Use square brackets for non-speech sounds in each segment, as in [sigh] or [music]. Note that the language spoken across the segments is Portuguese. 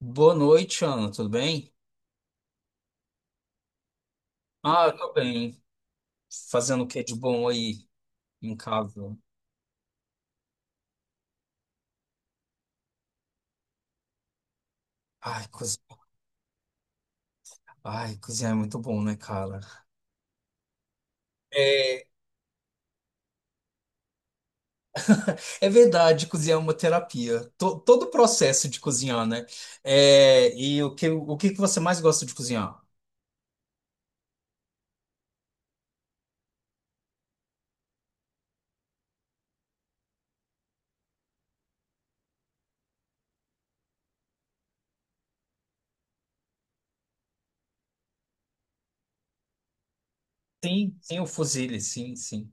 Boa noite, Ana, tudo bem? Ah, eu tô bem. Fazendo o que de bom aí em casa? Ai, cozinhar, ai, cozinhar é muito bom, né, cara? É, é verdade, cozinhar é uma terapia. Todo o processo de cozinhar, né? É, e o que que você mais gosta de cozinhar? Sim, sim, o fusilli, sim, sim.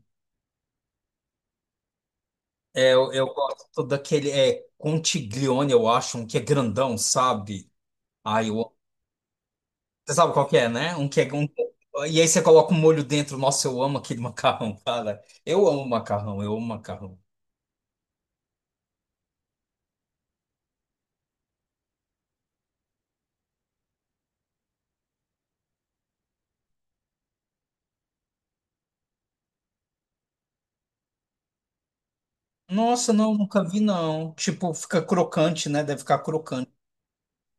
É, eu gosto daquele, é, contiglione, eu acho, um que é grandão, sabe? Ai, eu Você sabe qual que é, né? Um que é um... E aí você coloca um molho dentro. Nossa, eu amo aquele [laughs] macarrão, cara. Eu amo macarrão, eu amo macarrão. Nossa, não, nunca vi, não. Tipo, fica crocante, né? Deve ficar crocante.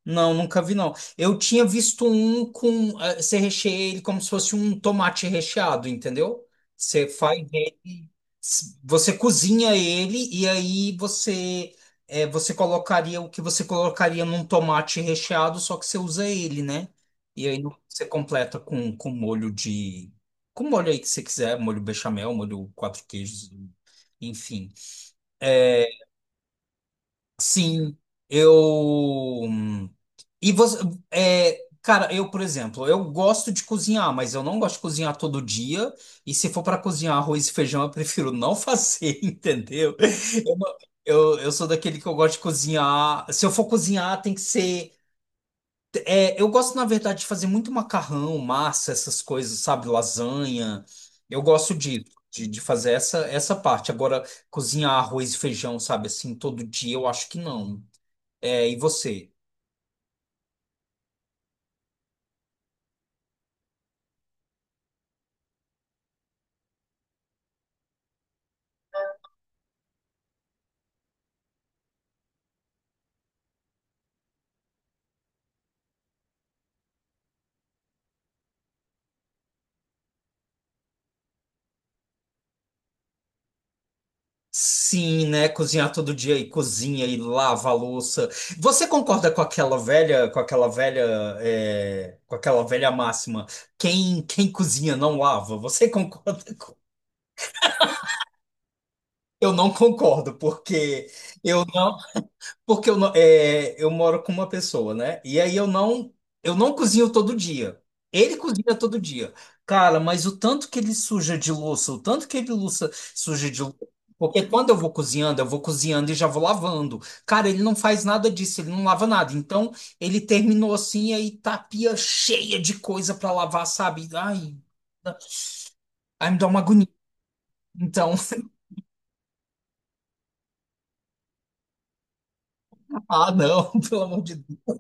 Não, nunca vi não. Eu tinha visto um com. Você recheia ele como se fosse um tomate recheado, entendeu? Você faz ele. Você cozinha ele e aí você. Você colocaria o que você colocaria num tomate recheado, só que você usa ele, né? E aí você completa com molho de. Com molho aí que você quiser, molho bechamel, molho quatro queijos, enfim. Eh, Sim, eu. hum, E você. É, cara, eu, por exemplo, eu gosto de cozinhar, mas eu não gosto de cozinhar todo dia. E se for para cozinhar arroz e feijão, eu prefiro não [laughs] fazer, entendeu? Eu, não- Eu sou daquele que eu gosto de cozinhar. Se eu for cozinhar, tem que ser. É, eu gosto, na verdade, de fazer muito macarrão, massa, essas coisas, sabe? Lasanha. Eu gosto de, de fazer essa, essa parte. Agora, cozinhar arroz e feijão, sabe, assim, todo dia, eu acho que não. É, e você? Sim, né? Cozinhar todo dia e cozinha e lava a louça. Você concorda com com aquela velha, é, com aquela velha máxima? Quem cozinha não lava. Você [laughs] concorda com... Eu não concordo, porque eu não. Porque eu, não- é, eu moro com uma pessoa, né? E aí eu não cozinho todo dia. Ele cozinha todo dia. Cara, mas o tanto que ele suja de louça, o tanto que suja de louça. Porque quando eu vou cozinhando e já vou lavando. Cara, ele não faz nada disso, ele não lava nada. Então, ele terminou assim, e aí tá a pia cheia de coisa pra lavar, sabe? Ai, me dá uma agonia. Então, [laughs] ah, não, [laughs] pelo amor de Deus.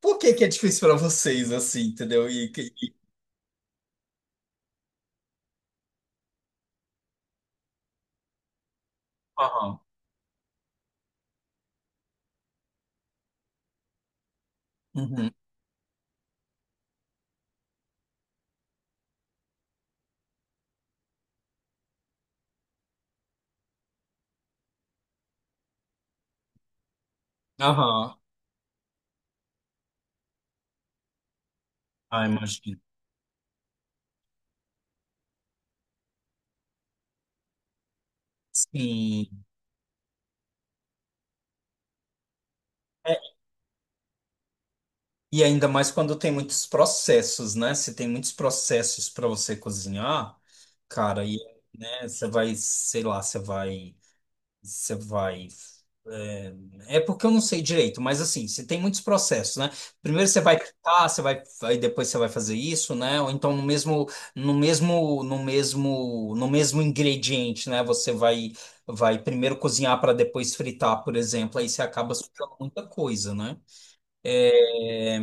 Por que que é difícil pra vocês assim, entendeu? Aham. Uhum. Aham. Ah, imagino. Sim. É, e ainda mais quando tem muitos processos, né? Se tem muitos processos para você cozinhar, cara, e, né, você vai, sei lá, você vai. Você vai. É, é porque eu não sei direito, mas assim, você tem muitos processos, né? Primeiro você vai pintar, você vai, aí depois você vai fazer isso, né? Ou então no mesmo ingrediente, né? Você vai, vai primeiro cozinhar para depois fritar, por exemplo. Aí você acaba sujando muita coisa, né? Eh,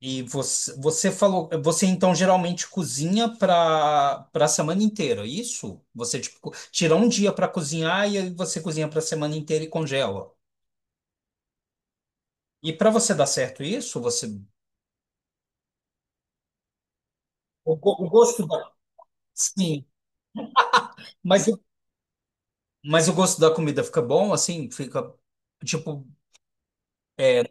E você, você falou, você então geralmente cozinha para a semana inteira, é isso? Você tipo, tira um dia para cozinhar e aí você cozinha para a semana inteira e congela. E para você dar certo isso, você o gosto da. Sim, mas eu- Mas o gosto da comida fica bom, assim, fica tipo é,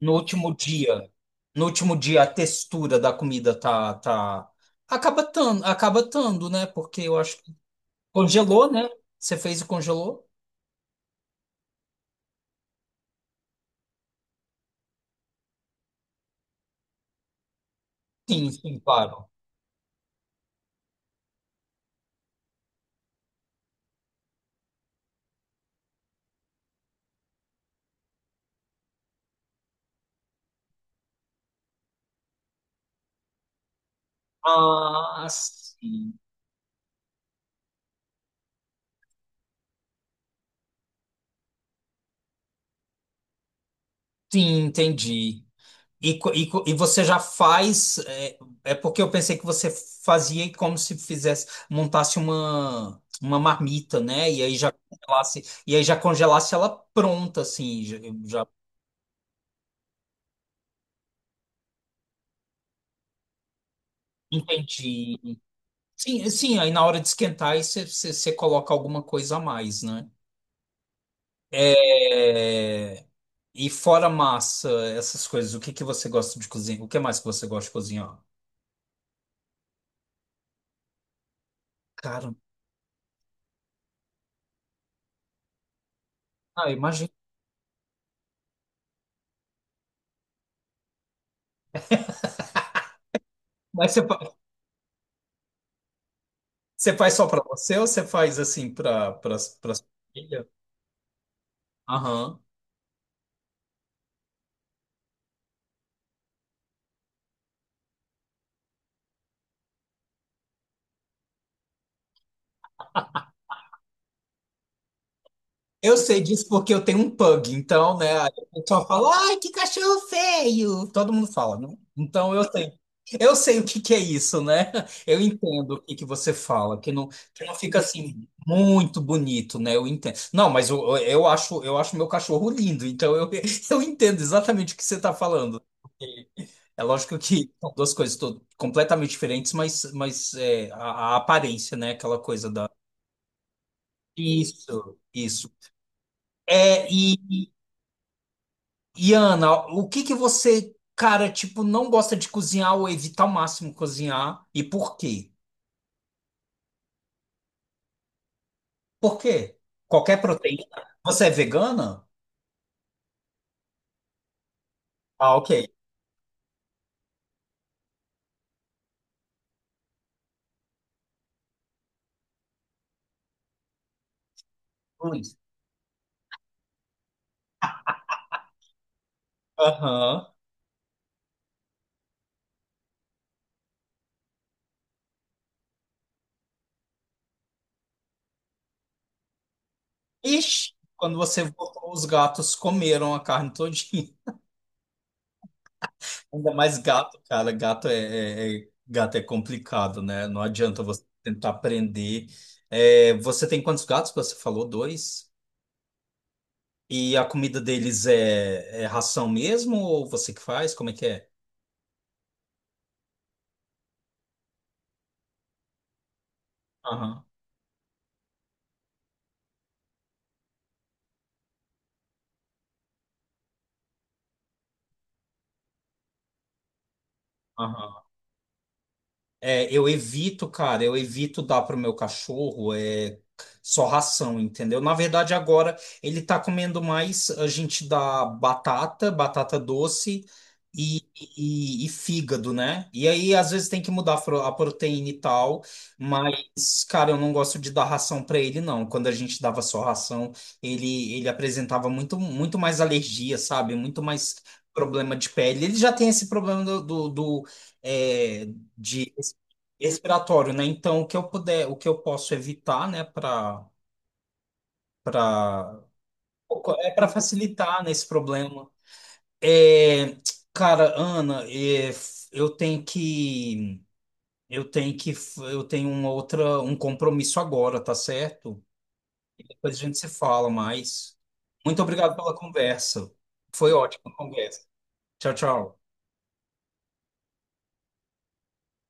no último dia, no último dia a textura da comida tá acaba tando, né? Porque eu acho que congelou, né? Você fez e congelou? Sim, sim, claro. Ah, sim. Sim, entendi. E você já faz. É, é porque eu pensei que você fazia como se fizesse, uma marmita, né? E aí já congelasse, e aí já congelasse ela pronta, assim, já, eu já entendi. Sim, sim, aí na hora de esquentar, aí você coloca alguma coisa a mais, né? É, e fora massa, essas coisas, o que que você gosta de cozinhar? O que mais que você gosta de cozinhar? Cara, ah, imagina. Você faz só para você ou você faz assim para sua família? Aham. Eu sei disso porque eu tenho um pug, então, né? aí O pessoal fala, ai, que cachorro feio! Todo mundo fala, né? Então eu sei. Eu sei o que que é isso, né? Eu entendo o que que você fala, que não fica assim muito bonito, né? Eu entendo. Não, mas eu, eu acho meu cachorro lindo, então eu, [laughs] eu entendo exatamente o que você está falando. É lógico que são duas coisas completamente diferentes, mas é, a aparência, né? Aquela coisa da. Isso, isso. É, e Ana, o que que você, cara, tipo, não gosta de cozinhar ou evitar ao máximo cozinhar? E por quê? Por quê? Qualquer proteína? Você é vegana? Ah, ok. Luiz. Aham. Ixi, quando você voltou, os gatos comeram a carne toda. Ainda mais gato, cara. Gato é, gato é complicado, né? Não adianta você tentar aprender. É, você tem quantos gatos? Que Você falou dois. E a comida deles é, é ração mesmo ou você que faz? Como é que é? Aham, aham. É, eu evito, cara, eu evito dar pro meu cachorro é, só ração, entendeu? Na verdade, agora ele tá comendo mais, a gente dá batata, batata doce e, e fígado, né? E aí, às vezes, tem que mudar a a proteína e tal, mas, cara, eu não gosto de dar ração pra ele, não. Quando a gente dava só ração, ele apresentava muito, muito mais alergia, sabe? Muito mais problema de pele. Ele já tem esse problema é, de respiratório, né? Então, o que eu puder, o que eu posso evitar, né, para é para facilitar nesse problema. É, cara, Ana, é, eu tenho que eu tenho uma outra um compromisso agora, tá certo? Depois a gente se fala mais. Muito obrigado pela conversa. Foi ótima a conversa. Tchau, tchau.